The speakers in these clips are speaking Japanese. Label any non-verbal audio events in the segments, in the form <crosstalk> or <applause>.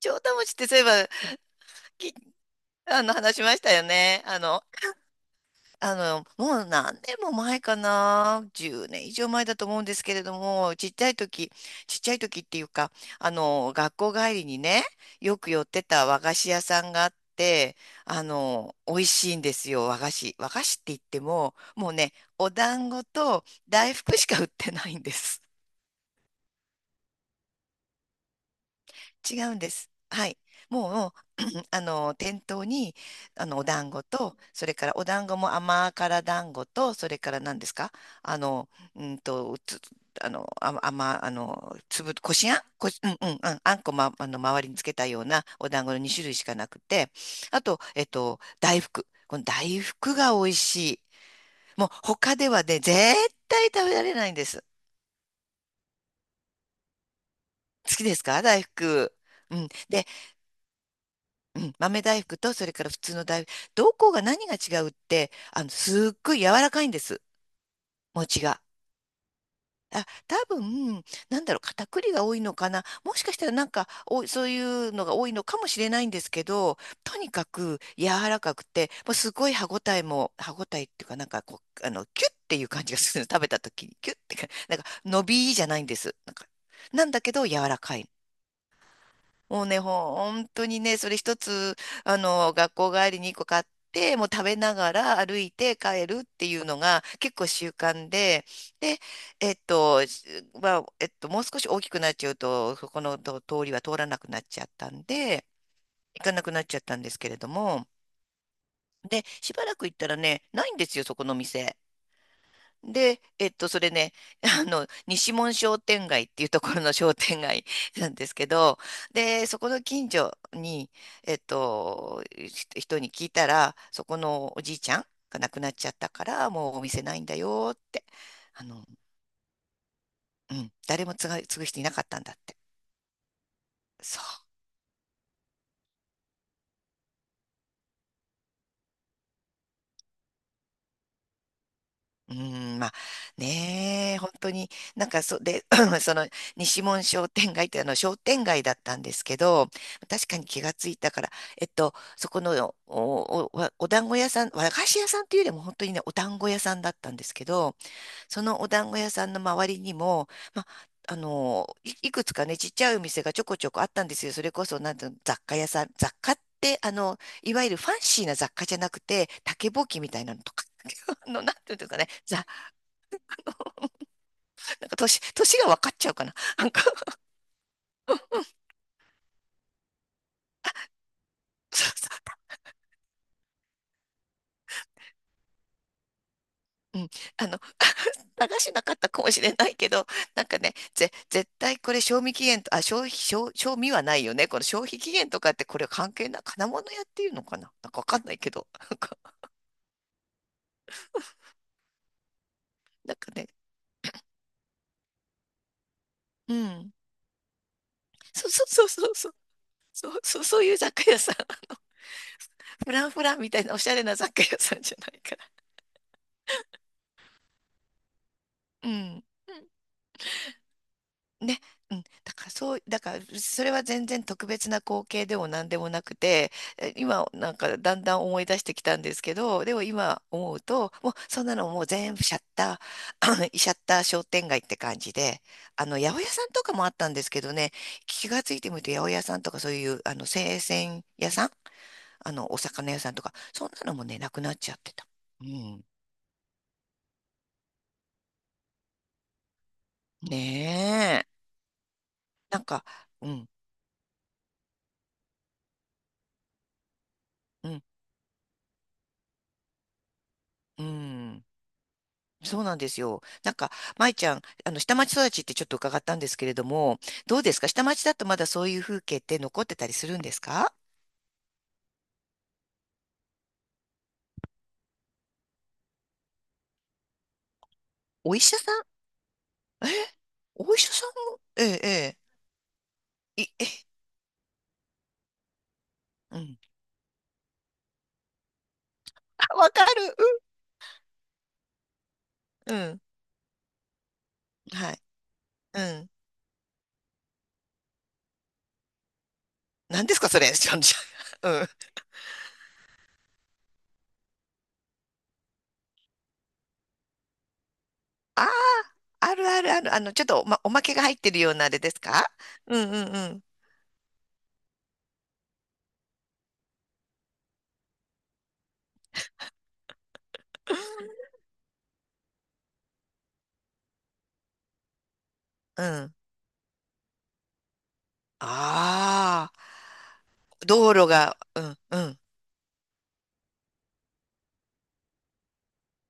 城下町ってそういえば、き、あの、話しましたよね。もう何年も前かな。10年以上前だと思うんですけれども、ちっちゃい時っていうか、学校帰りにね、よく寄ってた和菓子屋さんがあって、美味しいんですよ、和菓子。和菓子って言っても、もうね、お団子と大福しか売ってないんです。違うんです。はい。もう、あの店頭に、あのお団子と、それからお団子も甘辛団子と、それから何ですか？あのうんとつあのあ甘あの粒こしあんこし、うんうんうん、あんこ、ま、あの周りにつけたようなお団子の2種類しかなくて、あと、この大福が美味しい。もう他ではね絶対食べられないんです。好きですか、大福？うん、で、うん、豆大福とそれから普通の大福、どこが何が違うって、すっごい柔らかいんです、餅が。あ、多分、なんだろう、片栗が多いのかな。もしかしたらなんか、そういうのが多いのかもしれないんですけど、とにかく柔らかくて、もうすごい歯ごたえっていうか、なんかこう、キュッっていう感じがするの。食べた時に、キュッってか、なんか、伸びじゃないんです。なんか、なんだけど柔らかい。もうね、ほんとにね、それ一つ、学校帰りに一個買って、もう食べながら歩いて帰るっていうのが結構習慣で、で、えっと、しまあ、えっと、もう少し大きくなっちゃうと、そこの通りは通らなくなっちゃったんで、行かなくなっちゃったんですけれども、で、しばらく行ったらね、ないんですよ、そこの店。で、それね、<laughs> 西門商店街っていうところの商店街なんですけど、で、そこの近所に、人に聞いたら、そこのおじいちゃんが亡くなっちゃったから、もうお店ないんだよって、あの、うん、誰も継ぐ人いなかったんだって。そう。うーん、まあねえ、本当に、なんかで、<clears throat> その西門商店街ってあの商店街だったんですけど、確かに気がついたから、そこのお団子屋さん、和菓子屋さんっていうよりも本当にね、お団子屋さんだったんですけど、そのお団子屋さんの周りにも、まあ、いくつかね、ちっちゃいお店がちょこちょこあったんですよ。それこそ、なんていうの、雑貨屋さん、雑貨って、いわゆるファンシーな雑貨じゃなくて、竹ぼうきみたいなのとか、<laughs> なんていうんですかね、なんか年が分かっちゃうかな。<laughs> なんか <laughs> そうそう、うん、あの、<laughs> 流しなかったかもしれないけど、なんかね、絶対これ賞味期限と、あ、消費、賞味はないよね。この消費期限とかってこれ関係ない、金物屋っていうのかな、なんかわかんないけど。なんか、なんかね、うん。そうそうそうそうそう。そうそう、そういう雑貨屋さん。<laughs> フランフランみたいなおしゃれな雑貨屋さんじゃないから。うん。ね、うん、だからそう、だからそれは全然特別な光景でも何でもなくて、今なんかだんだん思い出してきたんですけど、でも今思うと、もうそんなのもう全部シャッター、<clears throat> シャッター商店街って感じで、八百屋さんとかもあったんですけどね、気がついてみると八百屋さんとかそういう、生鮮屋さん、お魚屋さんとか、そんなのもね、なくなっちゃってた。うん。ねえ。なんか、うん、うん、うん。そうなんですよ。なんか、舞ちゃん、下町育ちってちょっと伺ったんですけれども、どうですか、下町だとまだそういう風景って残ってたりするんですか？お医者さんえお医者さんもええ、ええ、いえ、うん。<laughs> あ、わかる。うん。うん。はい。うん。何ですかそれ。<laughs> ちょ、ちょ、うん。ああ、あるあるある。ちょっとおまけが入ってるようなあれですか？うんうんうん。うん。ああ、道路が、うん、うん、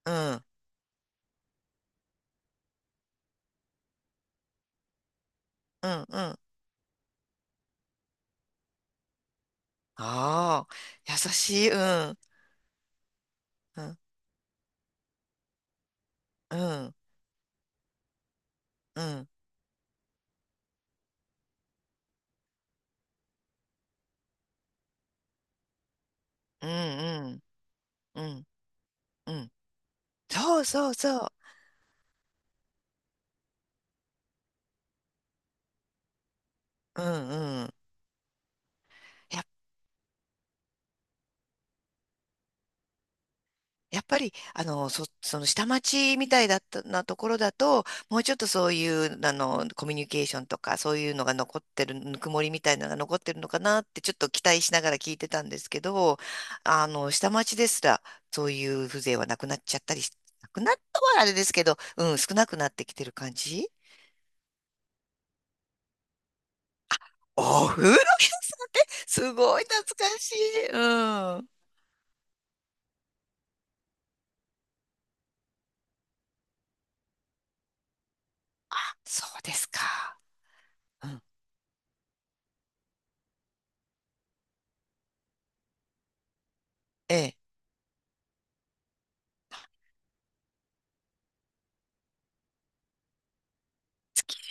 うん、うん、うん、ああ、優しい、うん、うん、うん、うん、うん、うん、うん。そうそうそう、うん、うん。や、やっぱり、その下町みたいだったなところだと、もうちょっとそういう、コミュニケーションとか、そういうのが残ってる、ぬくもりみたいなのが残ってるのかなって、ちょっと期待しながら聞いてたんですけど、下町ですら、そういう風情はなくなっちゃったりし、なくなったはあれですけど、うん、少なくなってきてる感じ。お風呂屋さん、すごい懐かしい。うん。そうですか。うん。ええ。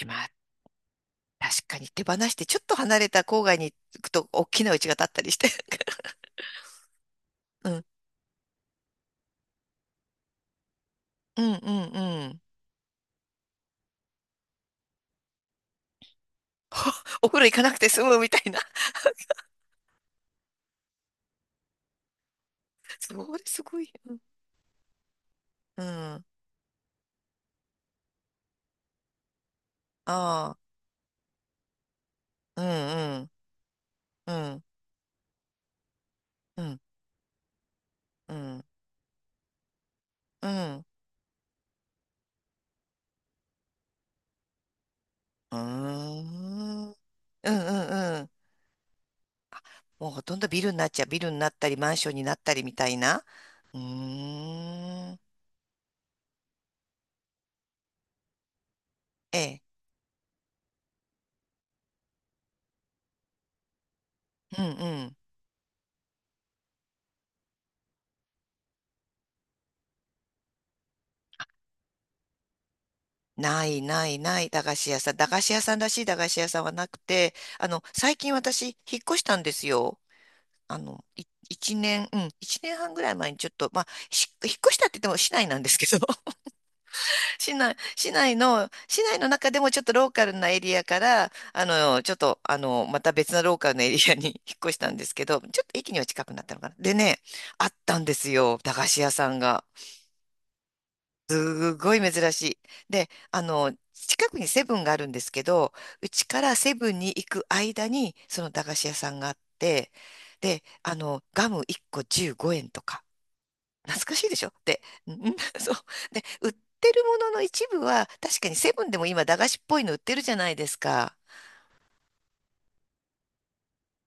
まあ、確かに手放して、ちょっと離れた郊外に行くと、大きな家が建ったりして。<laughs> うん。うんうんうん。お風呂行かなくて済むみたいな。それすごい。うん。ああ。うんうん。うん。うん。うん。うん。うーん。うんうんうん。もうほとんどビルになっちゃう。ビルになったり、マンションになったりみたいな。うーん。ええ。うんうん。ないないない、駄菓子屋さん。駄菓子屋さんらしい駄菓子屋さんはなくて、最近私、引っ越したんですよ。一年、うん、一年半ぐらい前にちょっと、まあ、引っ越したって言っても市内なんですけど、<laughs> 市内の中でもちょっとローカルなエリアから、ちょっと、また別のローカルなエリアに <laughs> 引っ越したんですけど、ちょっと駅には近くなったのかな。でね、あったんですよ、駄菓子屋さんが。すごい珍しい。で、近くにセブンがあるんですけど、うちからセブンに行く間に、その駄菓子屋さんがあって、で、ガム1個15円とか、懐かしいでしょ？で、ん。 <laughs> そう。で、売ってるものの一部は、確かにセブンでも今、駄菓子っぽいの売ってるじゃないですか。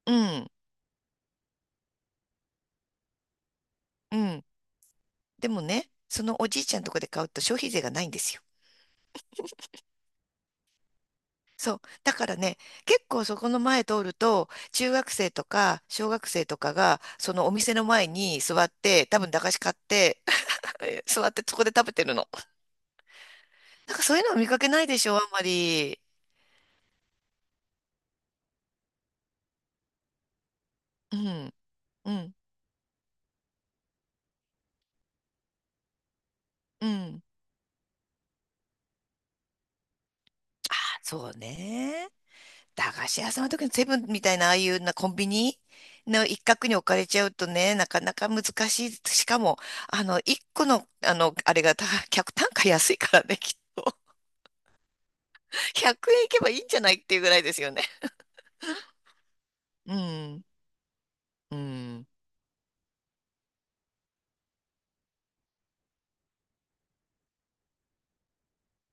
うん、うん。でもね、そのおじいちゃんとこで買うと消費税がないんですよ。そう。だからね、結構そこの前通ると、中学生とか小学生とかが、そのお店の前に座って、多分駄菓子買って、<laughs> 座ってそこで食べてるの。なんかそういうのを見かけないでしょ、あんまり。うん、うん、うん。あそうね。駄菓子屋さんの時のセブンみたいな、ああいうなコンビニの一角に置かれちゃうとね、なかなか難しい。しかも、一個の、あれが、客単価安いからね、きっと。<laughs> 100円いけばいいんじゃないっていうぐらいですよね。うん、うん。